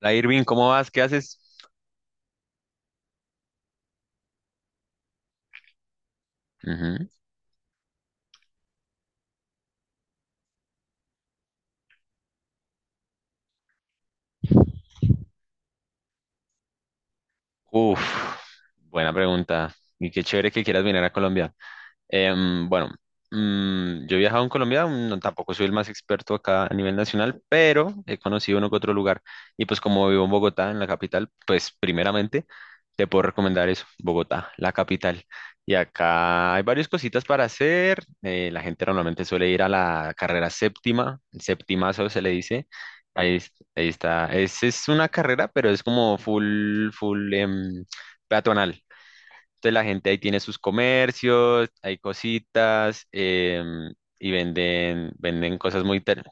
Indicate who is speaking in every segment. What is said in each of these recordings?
Speaker 1: Hola Irving, ¿cómo vas? ¿Qué haces? Ujú. Uf, buena pregunta. Y qué chévere que quieras venir a Colombia. Bueno, yo he viajado en Colombia, no, tampoco soy el más experto acá a nivel nacional, pero he conocido uno que otro lugar. Y pues como vivo en Bogotá, en la capital, pues primeramente te puedo recomendar eso, Bogotá, la capital. Y acá hay varias cositas para hacer. La gente normalmente suele ir a la carrera séptima, el septimazo se le dice. Ahí, ahí está. Es una carrera, pero es como full, full peatonal. Entonces la gente ahí tiene sus comercios, hay cositas y venden cosas muy.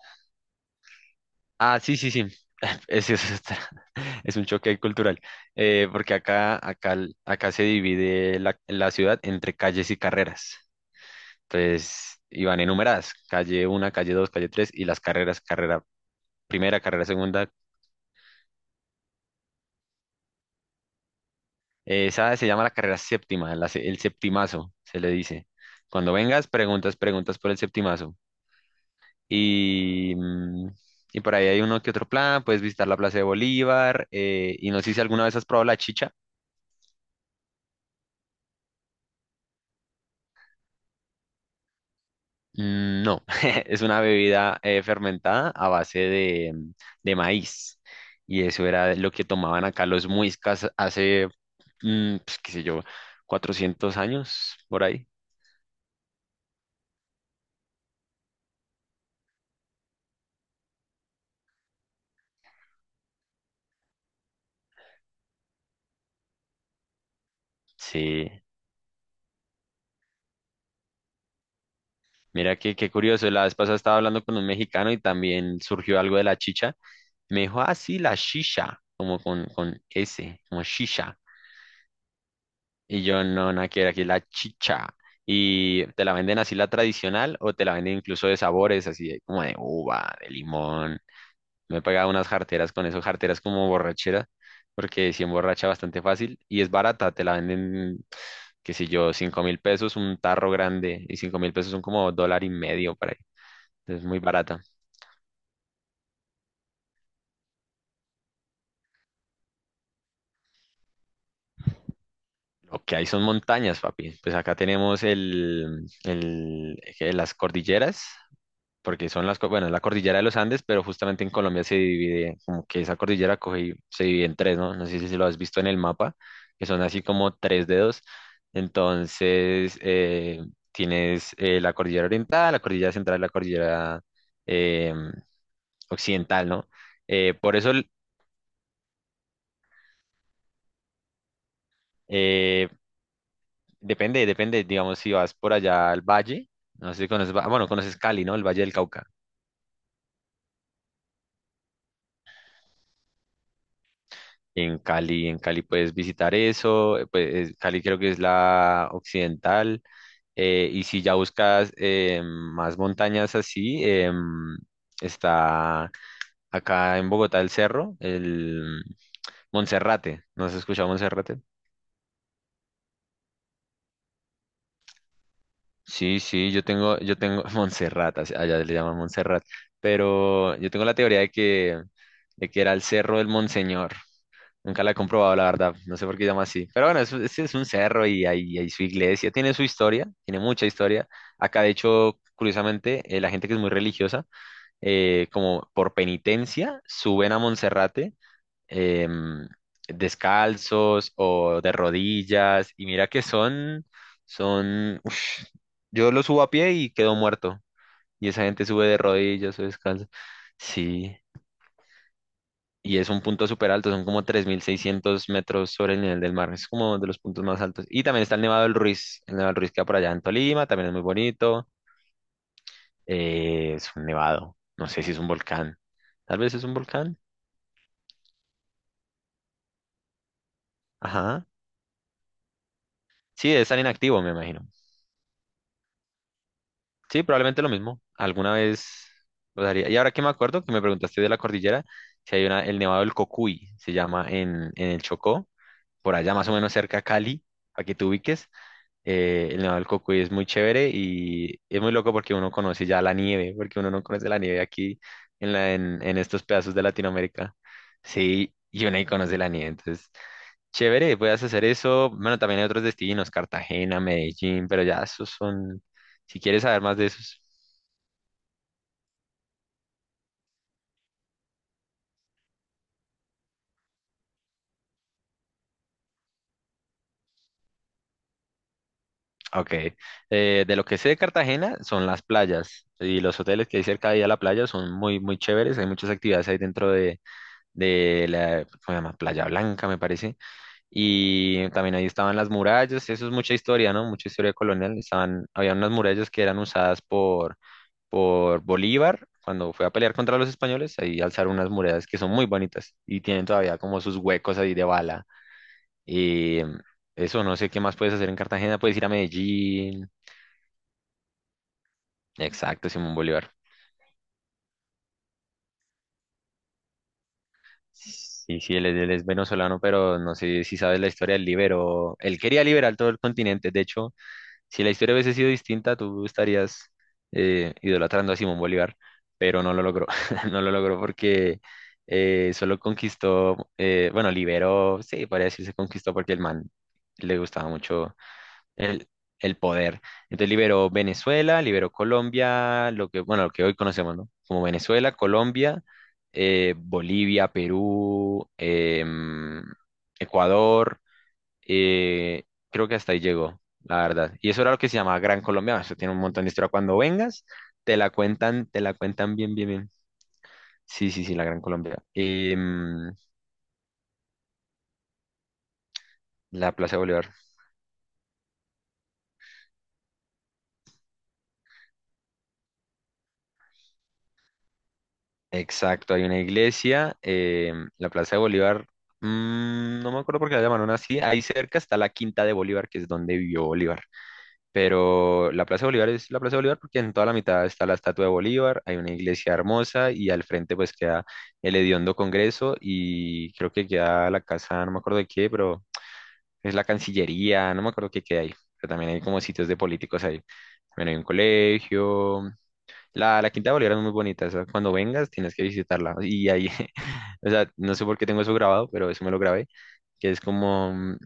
Speaker 1: Ah, sí, sí, sí. Es, es, otra- es un choque cultural, porque acá se divide la ciudad entre calles y carreras. Entonces, iban enumeradas, calle 1, calle 2, calle 3 y las carreras, carrera primera, carrera segunda. Esa se llama la carrera séptima, el septimazo, se le dice. Cuando vengas, preguntas por el septimazo. Y, mm, y por ahí hay uno que otro plan, puedes visitar la Plaza de Bolívar. Y no sé si alguna vez has probado la chicha. No, es una bebida fermentada a base de maíz. Y eso era lo que tomaban acá los muiscas hace, pues, qué sé yo, 400 años por ahí. Sí, mira que qué curioso. La vez pasada estaba hablando con un mexicano y también surgió algo de la chicha. Me dijo, ah, sí, la shisha, como con S, como shisha. Y yo, no, nada que ver, aquí es la chicha. Y te la venden así la tradicional o te la venden incluso de sabores, así como de uva, de limón. Me he pagado unas jarteras con eso, jarteras como borrachera, porque si emborracha bastante fácil y es barata, te la venden, qué sé yo, 5.000 pesos, un tarro grande y 5.000 pesos son como dólar y medio para ahí. Entonces, es muy barata. Lo que hay son montañas, papi. Pues acá tenemos el que las cordilleras porque son bueno, es la cordillera de los Andes, pero justamente en Colombia se divide, como que esa cordillera coge y se divide en tres, ¿no? No sé si lo has visto en el mapa, que son así como tres dedos. Entonces, tienes la cordillera oriental, la cordillera central, la cordillera eh, occidental, ¿no? Por eso, eh, depende, digamos, si vas por allá al valle, no sé si conoces, bueno, conoces Cali, ¿no? El Valle del Cauca. En Cali puedes visitar eso, pues Cali creo que es la occidental, y si ya buscas más montañas así, está acá en Bogotá el cerro, el Monserrate, ¿no has escuchado Monserrate? Sí, sí, yo tengo Monserrate, allá le llaman Monserrate, pero yo tengo la teoría de que era el cerro del Monseñor. Nunca la he comprobado, la verdad. No sé por qué llama así. Pero bueno, es un cerro y hay su iglesia. Tiene su historia, tiene mucha historia. Acá, de hecho, curiosamente, la gente que es muy religiosa, como por penitencia, suben a Monserrate em, descalzos o de rodillas. Y mira que son, ush, yo lo subo a pie y quedo muerto. Y esa gente sube de rodillas o descalzo. Sí, y es un punto súper alto, son como 3.600 metros sobre el nivel del mar, es como de los puntos más altos. Y también está el Nevado del Ruiz, el Nevado del Ruiz queda por allá en Tolima, también es muy bonito, es un nevado, no sé si es un volcán, tal vez es un volcán, ajá, sí, es tan inactivo, me imagino. Sí, probablemente lo mismo, alguna vez lo daría. Y ahora que me acuerdo, que me preguntaste de la cordillera, si hay una, el Nevado del Cocuy, se llama en el Chocó, por allá más o menos cerca a Cali, para que te ubiques. El Nevado del Cocuy es muy chévere y es muy loco porque uno conoce ya la nieve, porque uno no conoce la nieve aquí en estos pedazos de Latinoamérica. Sí, y uno ahí conoce la nieve. Entonces, chévere, puedes hacer eso. Bueno, también hay otros destinos, Cartagena, Medellín, pero ya esos son, si quieres saber más de esos. Ok, de lo que sé de Cartagena son las playas y los hoteles que hay cerca de ahí a la playa son muy, muy chéveres. Hay muchas actividades ahí dentro de la, ¿cómo se llama? Playa Blanca, me parece. Y también ahí estaban las murallas, eso es mucha historia, ¿no? Mucha historia colonial. Había unas murallas que eran usadas por Bolívar cuando fue a pelear contra los españoles. Ahí alzaron unas murallas que son muy bonitas y tienen todavía como sus huecos ahí de bala. Y eso, no sé qué más puedes hacer en Cartagena. Puedes ir a Medellín. Exacto, Simón Bolívar. Sí, sí, él es venezolano, pero no sé si sabes la historia, él quería liberar todo el continente, de hecho. Si la historia hubiese sido distinta, tú estarías idolatrando a Simón Bolívar, pero no lo logró. No lo logró porque solo conquistó, bueno, liberó, sí, podría decirse conquistó porque el man le gustaba mucho el, el poder. Entonces liberó Venezuela, liberó Colombia, lo que, bueno, lo que hoy conocemos, ¿no? Como Venezuela, Colombia, Bolivia, Perú, Ecuador. Eh, creo que hasta ahí llegó, la verdad. Y eso era lo que se llamaba Gran Colombia. Eso tiene un montón de historia. Cuando vengas, te la cuentan bien, bien, bien. Sí, sí, sí, la Gran Colombia. La Plaza de Bolívar. Exacto, hay una iglesia. La Plaza de Bolívar, no me acuerdo por qué la llamaron así. Ahí cerca está la Quinta de Bolívar, que es donde vivió Bolívar. Pero la Plaza de Bolívar es la Plaza de Bolívar porque en toda la mitad está la estatua de Bolívar, hay una iglesia hermosa y al frente pues queda el hediondo Congreso y creo que queda la casa, no me acuerdo de qué, pero es la Cancillería, no me acuerdo qué queda ahí, pero también hay como sitios de políticos ahí. También hay un colegio. La Quinta de Bolívar es muy bonita, o sea, cuando vengas tienes que visitarla. Y ahí, o sea, no sé por qué tengo eso grabado, pero eso me lo grabé, que es como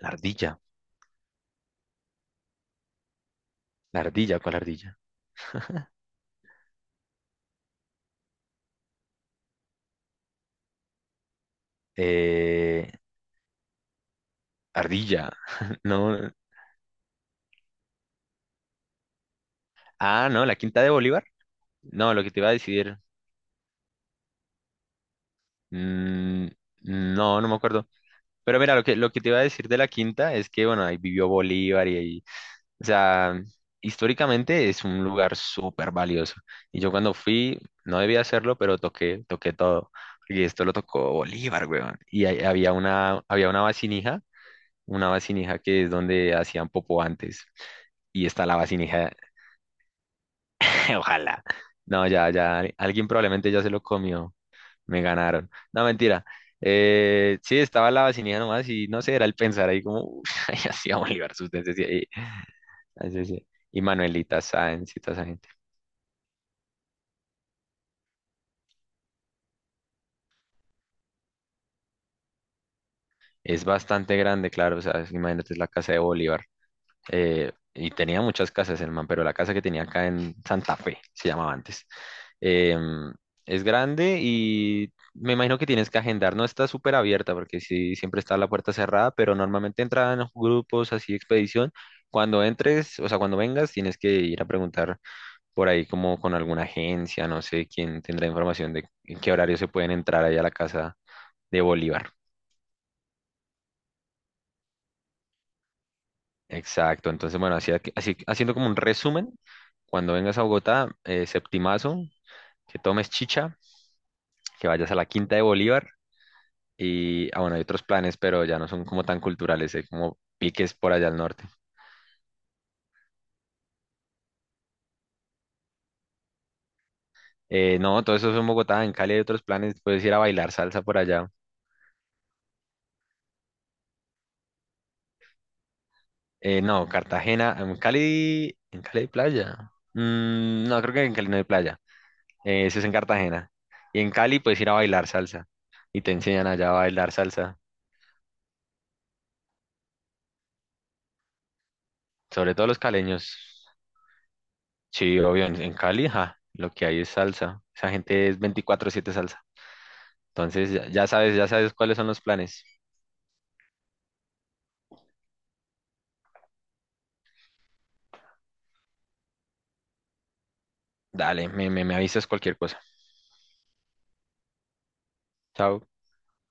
Speaker 1: la ardilla, la ardilla, ¿cuál ardilla? Eh, Ardilla. No. Ah, no, la Quinta de Bolívar. No, lo que te iba a decir. mm, no, no me acuerdo. Pero mira, lo que te iba a decir de la Quinta es que, bueno, ahí vivió Bolívar y ahí. O sea, históricamente es un lugar súper valioso. Y yo cuando fui, no debía hacerlo, pero toqué, toqué todo. Y esto lo tocó Bolívar, weón. Y ahí había una vasinija, una vasinija que es donde hacían popó antes y está la vasinija. Ojalá. No, ya, ya, alguien probablemente ya se lo comió. Me ganaron. No, mentira. Sí, estaba la vacinilla nomás y no sé, era el pensar ahí como, "Uf, ay, así a Bolívar, usted decía", y, así decía. Y Manuelita Sáenz y toda esa gente. Es bastante grande, claro, o sea, imagínate, es la casa de Bolívar. Y tenía muchas casas el man, pero la casa que tenía acá en Santa Fe, se llamaba antes, em, es grande y me imagino que tienes que agendar, no está súper abierta porque sí, siempre está la puerta cerrada, pero normalmente entran grupos así de expedición. Cuando entres, o sea, cuando vengas, tienes que ir a preguntar por ahí como con alguna agencia, no sé quién tendrá información de en qué horario se pueden entrar allá a la casa de Bolívar. Exacto, entonces bueno, así, así haciendo como un resumen, cuando vengas a Bogotá, septimazo, que tomes chicha, que vayas a la Quinta de Bolívar y, ah, bueno, hay otros planes, pero ya no son como tan culturales, hay como piques por allá al norte. No, todo eso es en Bogotá, en Cali hay otros planes, puedes ir a bailar salsa por allá. No, Cartagena, en Cali hay playa. No, creo que en Cali no hay playa. Eso es en Cartagena. Y en Cali puedes ir a bailar salsa y te enseñan allá a bailar salsa. Sobre todo los caleños. Sí, obvio, en Cali, ja, lo que hay es salsa. Esa gente es 24/7 salsa. Entonces, ya sabes cuáles son los planes. Dale, me avisas cualquier cosa. Chao.